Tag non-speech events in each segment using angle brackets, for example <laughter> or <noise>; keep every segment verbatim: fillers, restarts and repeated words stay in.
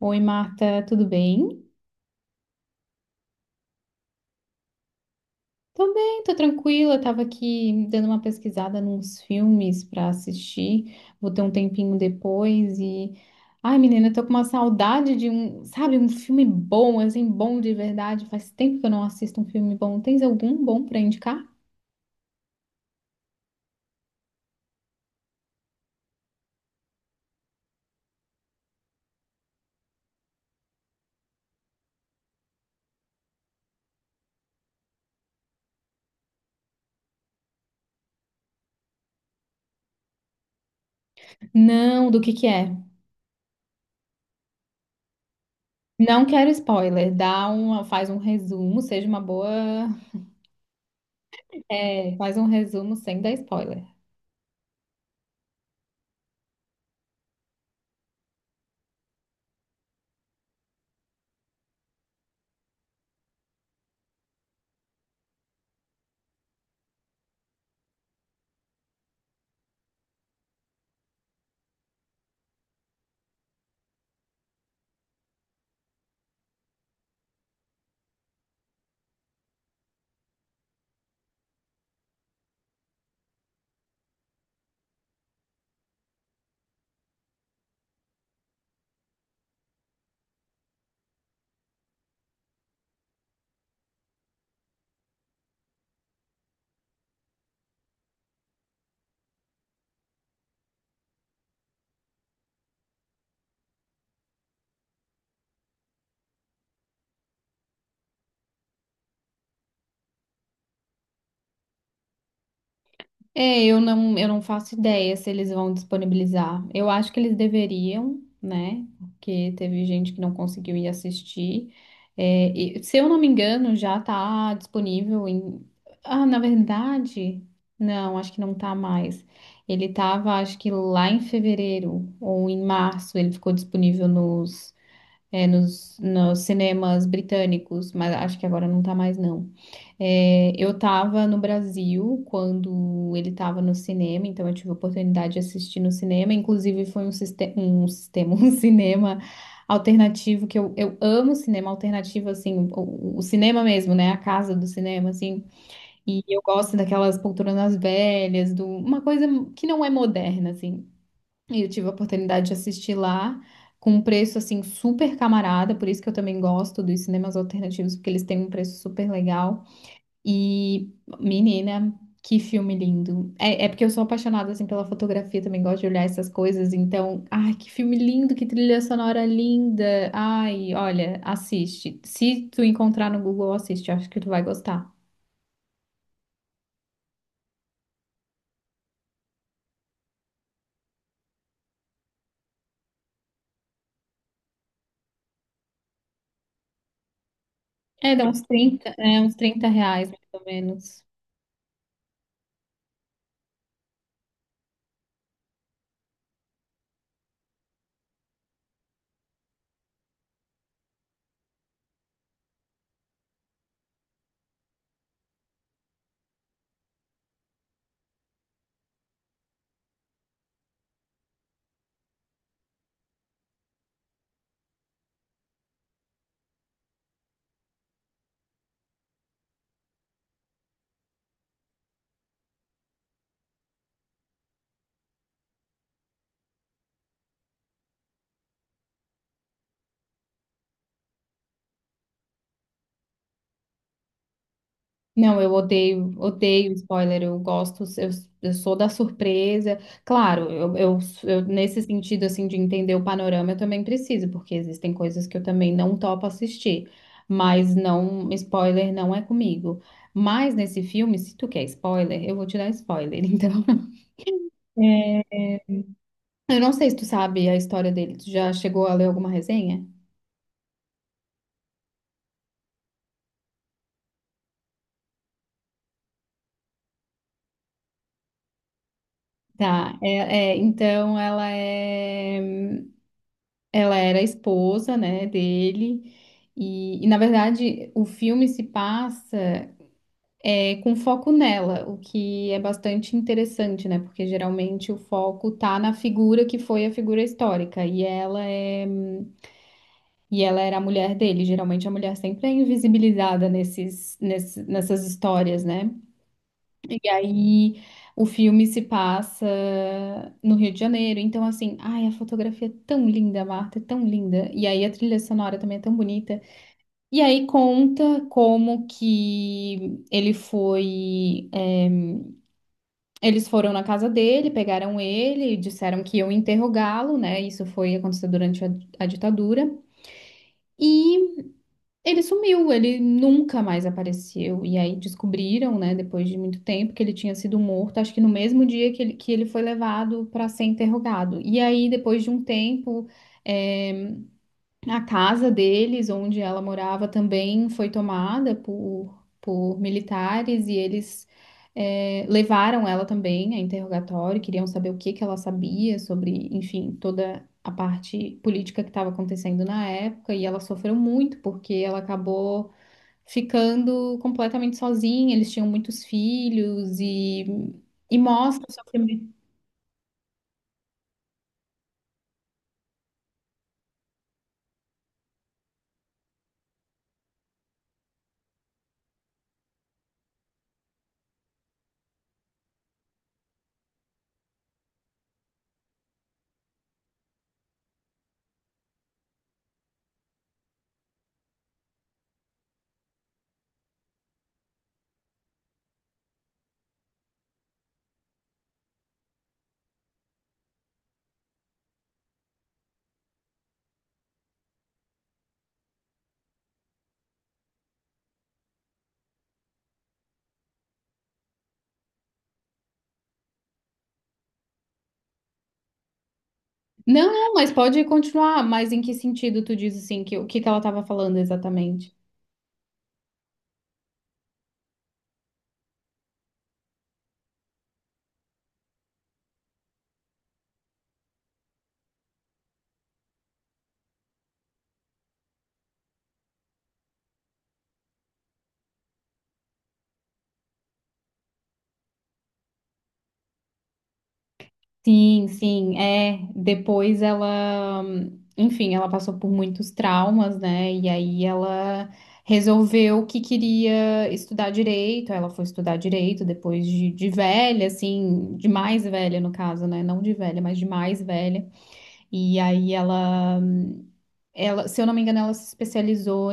Oi, Marta, tudo bem? Tô bem, tô tranquila. Tava aqui dando uma pesquisada nos filmes pra assistir. Vou ter um tempinho depois, e ai, menina, tô com uma saudade de um, sabe, um filme bom, assim, bom de verdade. Faz tempo que eu não assisto um filme bom. Tens algum bom pra indicar? Não, do que que é? Não quero spoiler. Dá uma, faz um resumo, seja uma boa, é, faz um resumo sem dar spoiler. É, eu não, eu não faço ideia se eles vão disponibilizar. Eu acho que eles deveriam, né? Porque teve gente que não conseguiu ir assistir. É, e, se eu não me engano, já tá disponível em. Ah, na verdade, não, acho que não tá mais. Ele tava, acho que lá em fevereiro ou em março, ele ficou disponível nos, é, nos, nos cinemas britânicos, mas acho que agora não tá mais, não. É, eu estava no Brasil quando ele estava no cinema, então eu tive a oportunidade de assistir no cinema. Inclusive, foi um, siste- um sistema, <laughs> um cinema alternativo que eu, eu amo cinema alternativo, assim, o, o cinema mesmo, né? A casa do cinema, assim. E eu gosto daquelas poltronas velhas, do, uma coisa que não é moderna, assim. E eu tive a oportunidade de assistir lá. Com um preço assim super camarada, por isso que eu também gosto dos cinemas alternativos, porque eles têm um preço super legal. E, menina, que filme lindo. É, é porque eu sou apaixonada, assim, pela fotografia, também gosto de olhar essas coisas. Então, ai, que filme lindo, que trilha sonora linda. Ai, olha, assiste. Se tu encontrar no Google, assiste. Acho que tu vai gostar. É, dá uns trinta é, uns trinta reais, mais ou menos. Não, eu odeio, odeio spoiler, eu gosto, eu, eu sou da surpresa. Claro, eu, eu, eu- nesse sentido, assim, de entender o panorama, eu também preciso, porque existem coisas que eu também não topo assistir, mas não, spoiler não é comigo. Mas nesse filme, se tu quer spoiler, eu vou te dar spoiler, <laughs> então. É, Eu não sei se tu sabe a história dele, tu já chegou a ler alguma resenha? Tá, é, é, então ela é. Ela era a esposa, né, dele. E, e, na verdade, o filme se passa é, com foco nela, o que é bastante interessante, né? Porque geralmente o foco tá na figura que foi a figura histórica. E ela é, e ela era a mulher dele. Geralmente a mulher sempre é invisibilizada nesses, nesses, nessas histórias, né? E aí o filme se passa no Rio de Janeiro. Então, assim, ai, a fotografia é tão linda, Marta, é tão linda. E aí a trilha sonora também é tão bonita. E aí conta como que ele foi. É, eles foram na casa dele, pegaram ele, disseram que iam interrogá-lo, né? Isso foi aconteceu durante a, a ditadura. E ele sumiu, ele nunca mais apareceu. E aí descobriram, né, depois de muito tempo, que ele tinha sido morto, acho que no mesmo dia que ele, que ele foi levado para ser interrogado. E aí, depois de um tempo, eh, a casa deles, onde ela morava, também foi tomada por, por militares e eles eh, levaram ela também a interrogatório, queriam saber o que que ela sabia sobre, enfim, toda a parte política que estava acontecendo na época e ela sofreu muito porque ela acabou ficando completamente sozinha, eles tinham muitos filhos e, e mostra o sofrimento. Não, não, mas pode continuar, mas em que sentido tu diz assim, que, o que que ela estava falando exatamente? Sim, sim, é. Depois ela, enfim, ela passou por muitos traumas, né? E aí ela resolveu que queria estudar direito. Ela foi estudar direito depois de, de velha, assim, de mais velha no caso, né? Não de velha, mas de mais velha. E aí ela, ela, se eu não me engano, ela se especializou.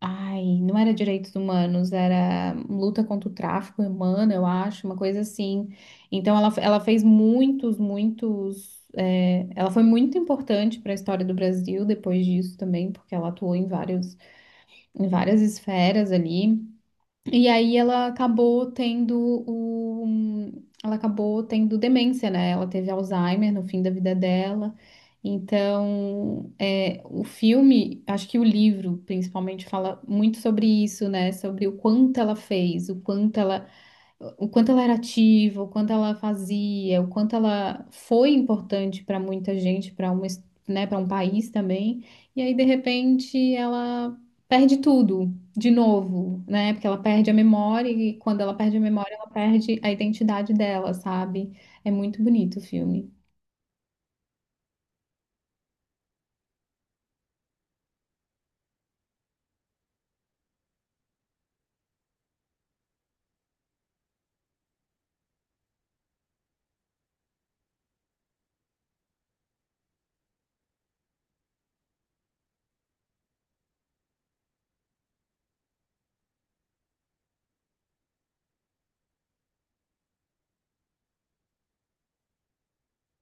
Ai, não era direitos humanos, era luta contra o tráfico humano, eu acho, uma coisa assim. Então ela, ela fez muitos, muitos. É, ela foi muito importante para a história do Brasil depois disso também, porque ela atuou em vários, em várias esferas ali. E aí ela acabou tendo o... Ela acabou tendo demência, né? Ela teve Alzheimer no fim da vida dela. Então, é, o filme, acho que o livro principalmente fala muito sobre isso, né? Sobre o quanto ela fez, o quanto ela o quanto ela era ativa, o quanto ela fazia, o quanto ela foi importante para muita gente, para uma, es- né, para um país também. E aí, de repente, ela perde tudo de novo, né? Porque ela perde a memória e quando ela perde a memória, ela perde a identidade dela, sabe? É muito bonito o filme.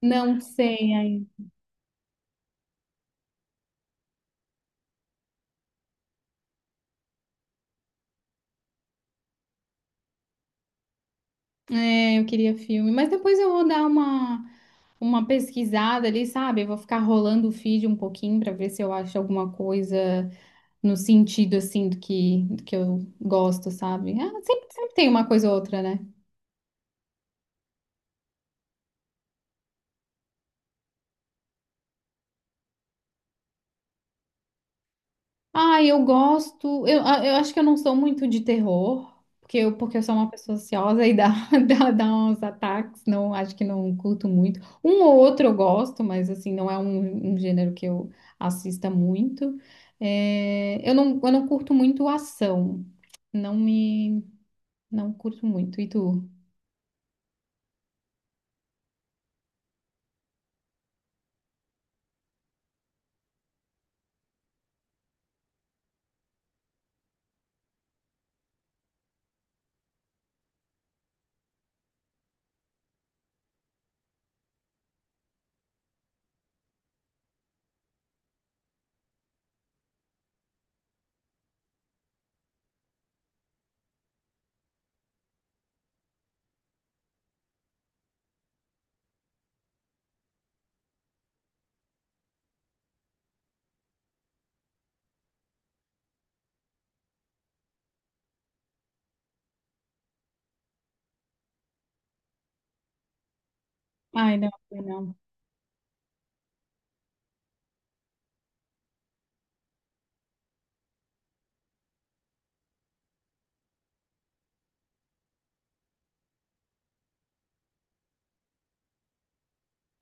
Não sei, aí. É, eu queria filme, mas depois eu vou dar uma uma pesquisada ali, sabe? Eu vou ficar rolando o feed um pouquinho para ver se eu acho alguma coisa no sentido assim do que, do que eu gosto, sabe? Ah, sempre, sempre tem uma coisa ou outra, né? Ah, eu gosto. Eu, ah, eu acho que eu não sou muito de terror, porque eu, porque eu sou uma pessoa ansiosa e dá, <laughs> dá, dá uns ataques, não, acho que não curto muito. Um ou outro eu gosto, mas assim, não é um, um gênero que eu assista muito. É, eu não, eu não curto muito ação. Não me. Não curto muito. E tu? Ai, não, não.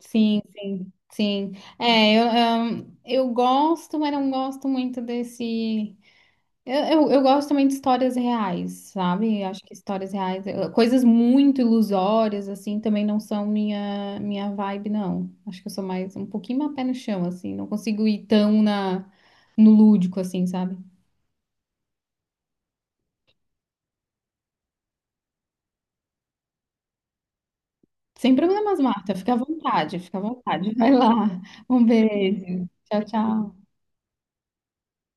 Sim, sim, sim. É, eu, ahn, eu gosto, mas não gosto muito desse. Eu, eu, eu gosto também de histórias reais, sabe? Eu acho que histórias reais, eu- coisas muito ilusórias, assim, também não são minha, minha vibe, não. Acho que eu sou mais um pouquinho mais pé no chão, assim, não consigo ir tão na, no lúdico, assim, sabe? Sem problemas, Marta, fica à vontade, fica à vontade. <laughs> Vai lá. Um beijo. Tchau, tchau.